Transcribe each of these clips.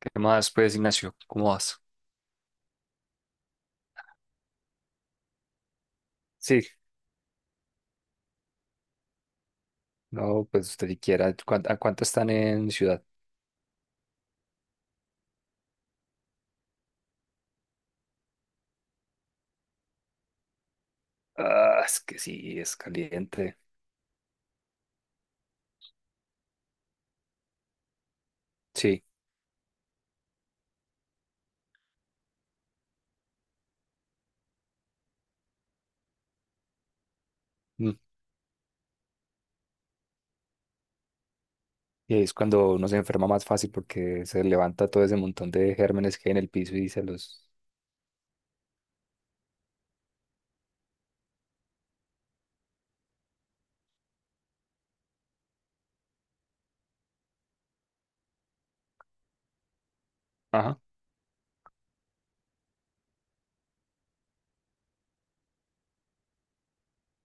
¿Qué más, pues, Ignacio? ¿Cómo vas? Sí, no, pues usted siquiera. ¿A cuánto están en ciudad? Ah, es que sí, es caliente. Sí, mm, y ahí es cuando uno se enferma más fácil porque se levanta todo ese montón de gérmenes que hay en el piso y se los. Ajá.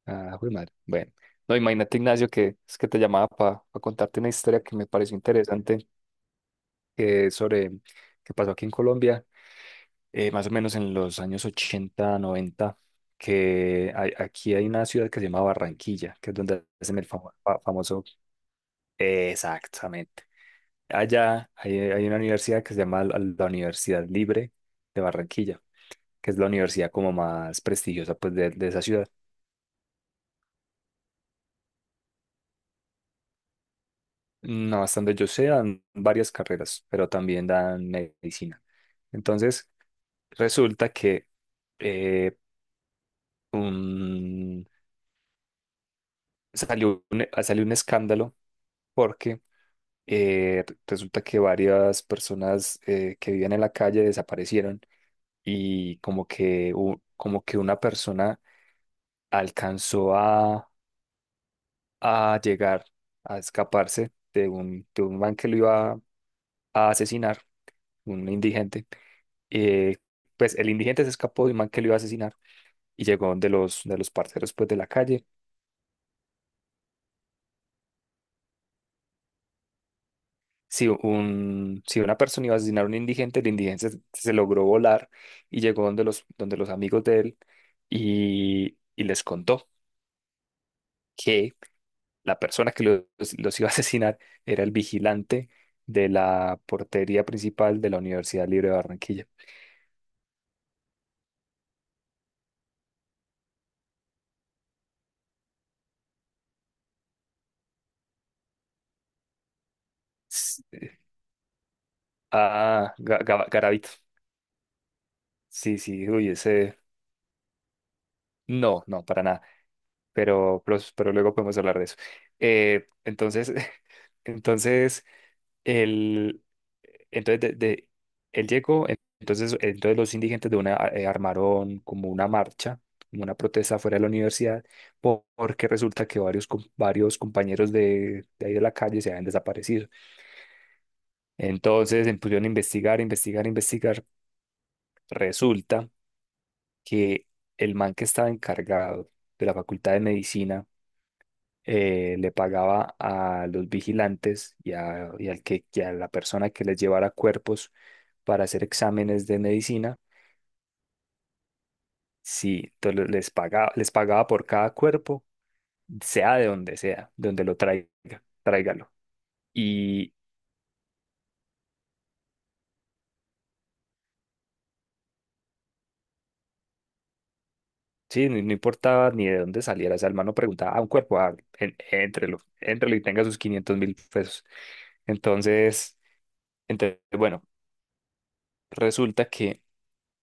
Ah, jue madre. Bueno, no, imagínate, Ignacio, que es que te llamaba para contarte una historia que me pareció interesante. Que es sobre que pasó aquí en Colombia, más o menos en los años 80 y 90, que aquí hay una ciudad que se llama Barranquilla, que es donde hacen el famoso... Exactamente. Allá hay, hay una universidad que se llama la Universidad Libre de Barranquilla, que es la universidad como más prestigiosa, pues, de esa ciudad. No, hasta donde yo sé, dan varias carreras, pero también dan medicina. Entonces, resulta que eh, un salió un, salió un escándalo porque resulta que varias personas que vivían en la calle desaparecieron, y como que, como que una persona alcanzó a llegar, a escaparse de un man que lo iba a asesinar, un indigente. Eh, pues el indigente se escapó de un man que lo iba a asesinar y llegó de los parceros, pues, de la calle. Si, un, si una persona iba a asesinar a un indigente, el indigente se, se logró volar y llegó donde los amigos de él, y les contó que la persona que los iba a asesinar era el vigilante de la portería principal de la Universidad Libre de Barranquilla. S- Ah, Garavito. Sí, sí, uy, ese... No, no, para nada. Pero luego podemos hablar de eso. Eh, entonces, entonces... El, entonces, él llegó, entonces, entonces los indigentes de una armaron como una marcha, como una protesta fuera de la universidad, porque resulta que varios, varios compañeros de ahí de la calle se habían desaparecido. Entonces se pusieron a investigar, investigar, investigar. Resulta que el man que estaba encargado de la Facultad de Medicina le pagaba a los vigilantes y, a, y al que, y a la persona que les llevara cuerpos para hacer exámenes de medicina. Sí, entonces les pagaba por cada cuerpo, sea, de donde lo traiga, tráigalo. Y sí, no, no importaba ni de dónde saliera. O sea, el man no preguntaba a un cuerpo, ah, éntrelo, éntrelo y tenga sus 500.000 pesos. Entonces, entonces, bueno, resulta que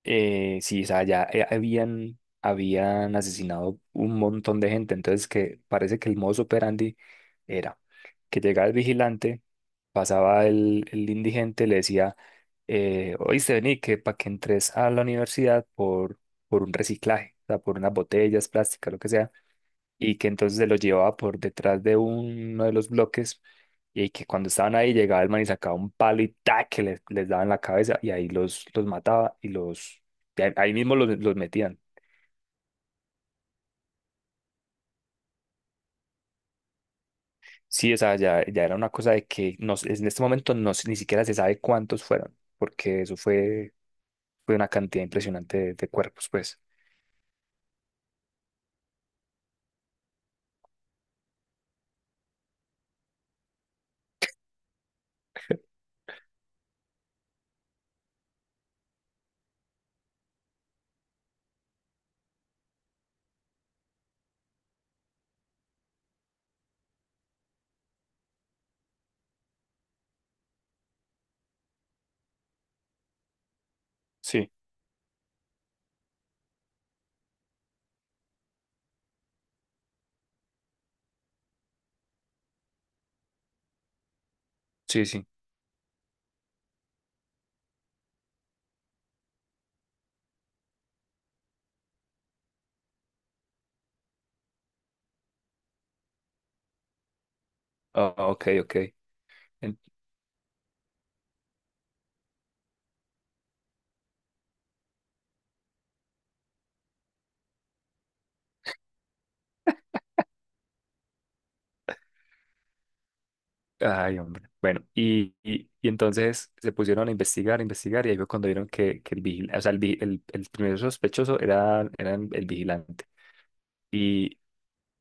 Sí, o sea, ya habían asesinado un montón de gente, entonces que parece que el modus operandi era que llegaba el vigilante, pasaba el indigente, le decía, oíste, vení, que para que entres a la universidad por un reciclaje, o sea, por unas botellas plásticas, lo que sea, y que entonces se lo llevaba por detrás de uno de los bloques, y que cuando estaban ahí llegaba el man y sacaba un palo y ¡tac!, que les daba en la cabeza y ahí los mataba y los y ahí ahí mismo los metían. Sí, o sea, ya, ya era una cosa de que no, en este momento no, ni siquiera se sabe cuántos fueron, porque eso fue, fue una cantidad impresionante de cuerpos, pues. Sí, sí, sí. Ah, ok, ok. Ay, hombre. Bueno, y entonces se pusieron a investigar, y ahí fue cuando vieron que el vigilante, o sea, el primer sospechoso era, era el vigilante. Y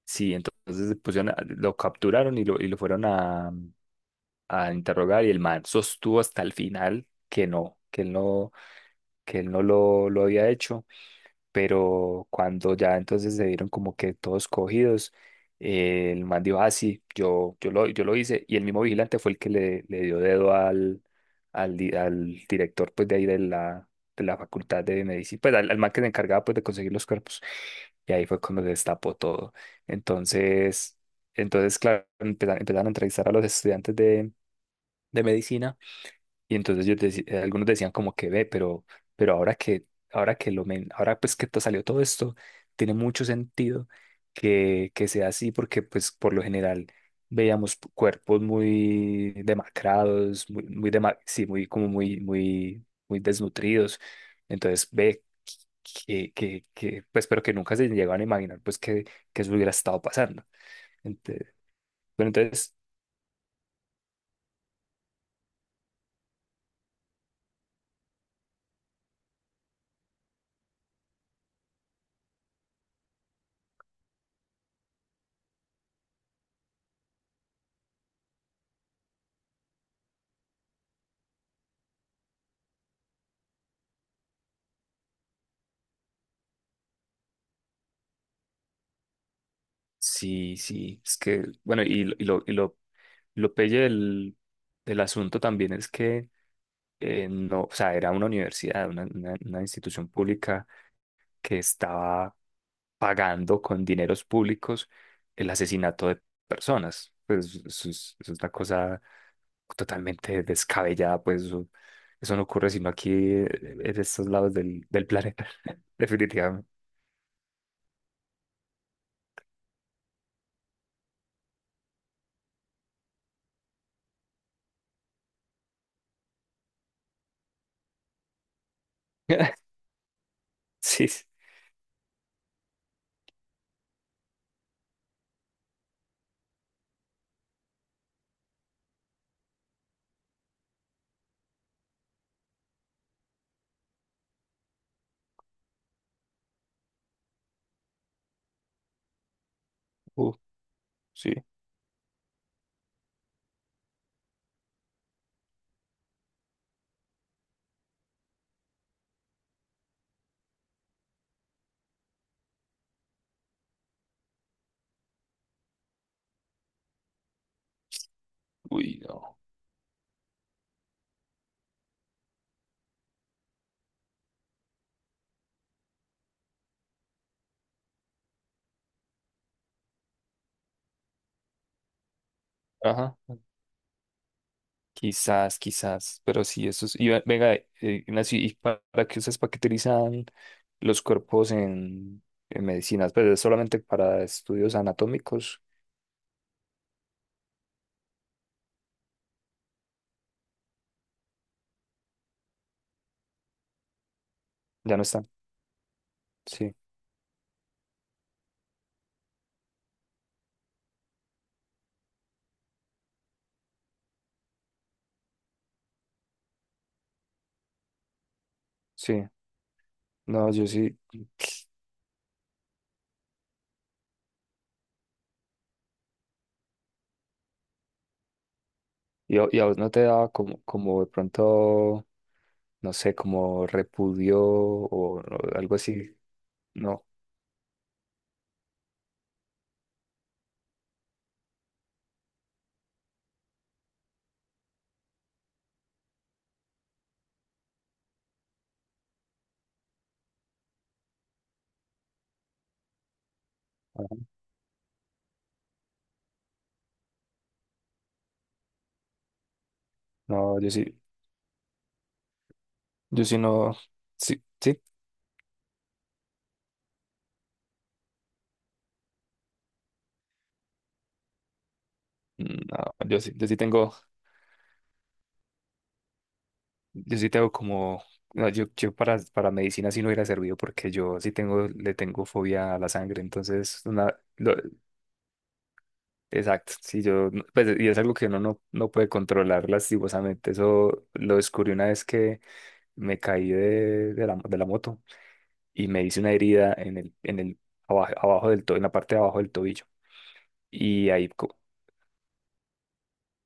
sí, entonces se pusieron a- lo capturaron y lo fueron a interrogar, y el man sostuvo hasta el final que no, que él no, que él no lo, lo había hecho, pero cuando ya entonces se vieron como que todos cogidos, el man dijo, ah, sí, yo, yo lo hice, y el mismo vigilante fue el que le dio dedo al, al director, pues, de ahí de la facultad de medicina, pues, al, al man que se encargaba, pues, de conseguir los cuerpos, y ahí fue cuando se destapó todo. Entonces, entonces, claro, empezaron a entrevistar a los estudiantes de medicina, y entonces yo algunos decían como que ve, pero ahora que, ahora que ahora pues que te salió todo esto, tiene mucho sentido que sea así, porque pues por lo general veíamos cuerpos muy demacrados, muy, sí, muy, como muy, muy, muy desnutridos. Entonces ve que, pues, pero que nunca se llegaban a imaginar pues que eso hubiera estado pasando. Ente- bueno, entonces, sí, sí, es que, bueno, y, y lo lo pelle del, del asunto también es que no, o sea, era una universidad, una, una institución pública que estaba pagando con dineros públicos el asesinato de personas. Pues eso es una cosa totalmente descabellada, pues eso no ocurre sino aquí en estos lados del, del planeta, definitivamente. Sí, sí. Uh, sí, uy, no. Ajá. Quizás, quizás, pero sí, eso es. Y venga, Ignacio, ¿y para qué ustedes paqueterizan los cuerpos en medicinas? Pues es solamente para estudios anatómicos. Ya no están. Sí, sí. No, yo sí. Y a vos no te daba como, como de pronto, no sé, como repudio o algo así? No. Ajá. No, yo sí. Yo sí no. Sí, sí. No, yo sí, yo sí tengo. Yo sí tengo como, no, yo para medicina sí no hubiera servido porque yo sí tengo, le tengo fobia a la sangre, entonces, una, lo- exacto, sí, yo, no- pues, y es algo que uno no, no puede controlar lastimosamente, eso lo descubrí una vez que me caí de la moto y me hice una herida en el, abajo, abajo del tobillo, en la parte de abajo del tobillo, y ahí co-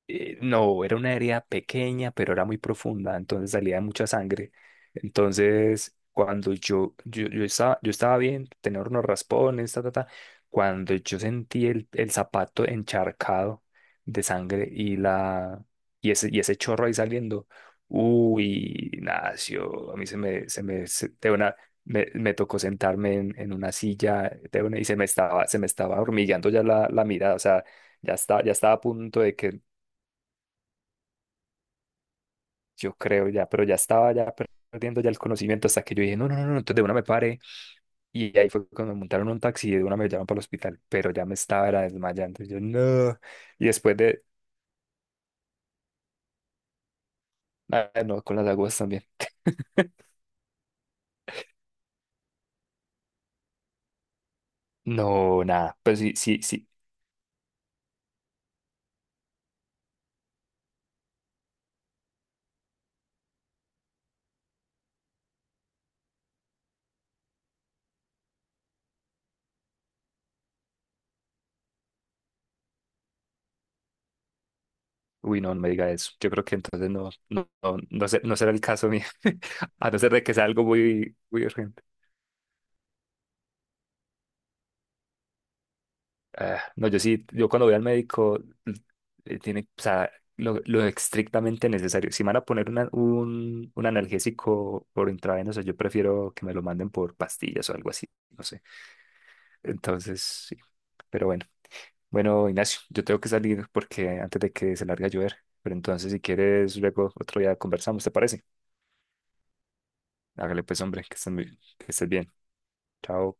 eh, no, era una herida pequeña, pero era muy profunda, entonces salía mucha sangre. Entonces, cuando yo, yo estaba bien, tenía unos raspones, ta, ta, ta, cuando yo sentí el zapato encharcado de sangre y, la, y ese chorro ahí saliendo, uy, nació, a mí se me, de una, me tocó sentarme en una silla de una, y se me estaba hormigueando ya la mirada, o sea, ya estaba a punto de que yo creo ya, pero ya estaba ya perdiendo ya el conocimiento hasta que yo dije, no, no, no, no, entonces de una me paré y ahí fue cuando me montaron un taxi y de una me llevaron para el hospital, pero ya me estaba era desmayando, y yo no, y después de, ah, no, con las aguas también. No, nada, pues sí, sí, sí. Uy, no, no me diga eso. Yo creo que entonces no, no, no, no, no será el caso mío, a no ser de que sea algo muy, muy urgente. Ah, no, yo sí, yo cuando voy al médico, tiene, o sea, lo estrictamente necesario. Si me van a poner un analgésico por intravenoso, yo prefiero que me lo manden por pastillas o algo así, no sé. Entonces, sí. Pero bueno, bueno, Ignacio, yo tengo que salir porque antes de que se largue a llover. Pero entonces, si quieres, luego otro día conversamos, ¿te parece? Hágale pues, hombre, que estés muy- que estés bien. Chao.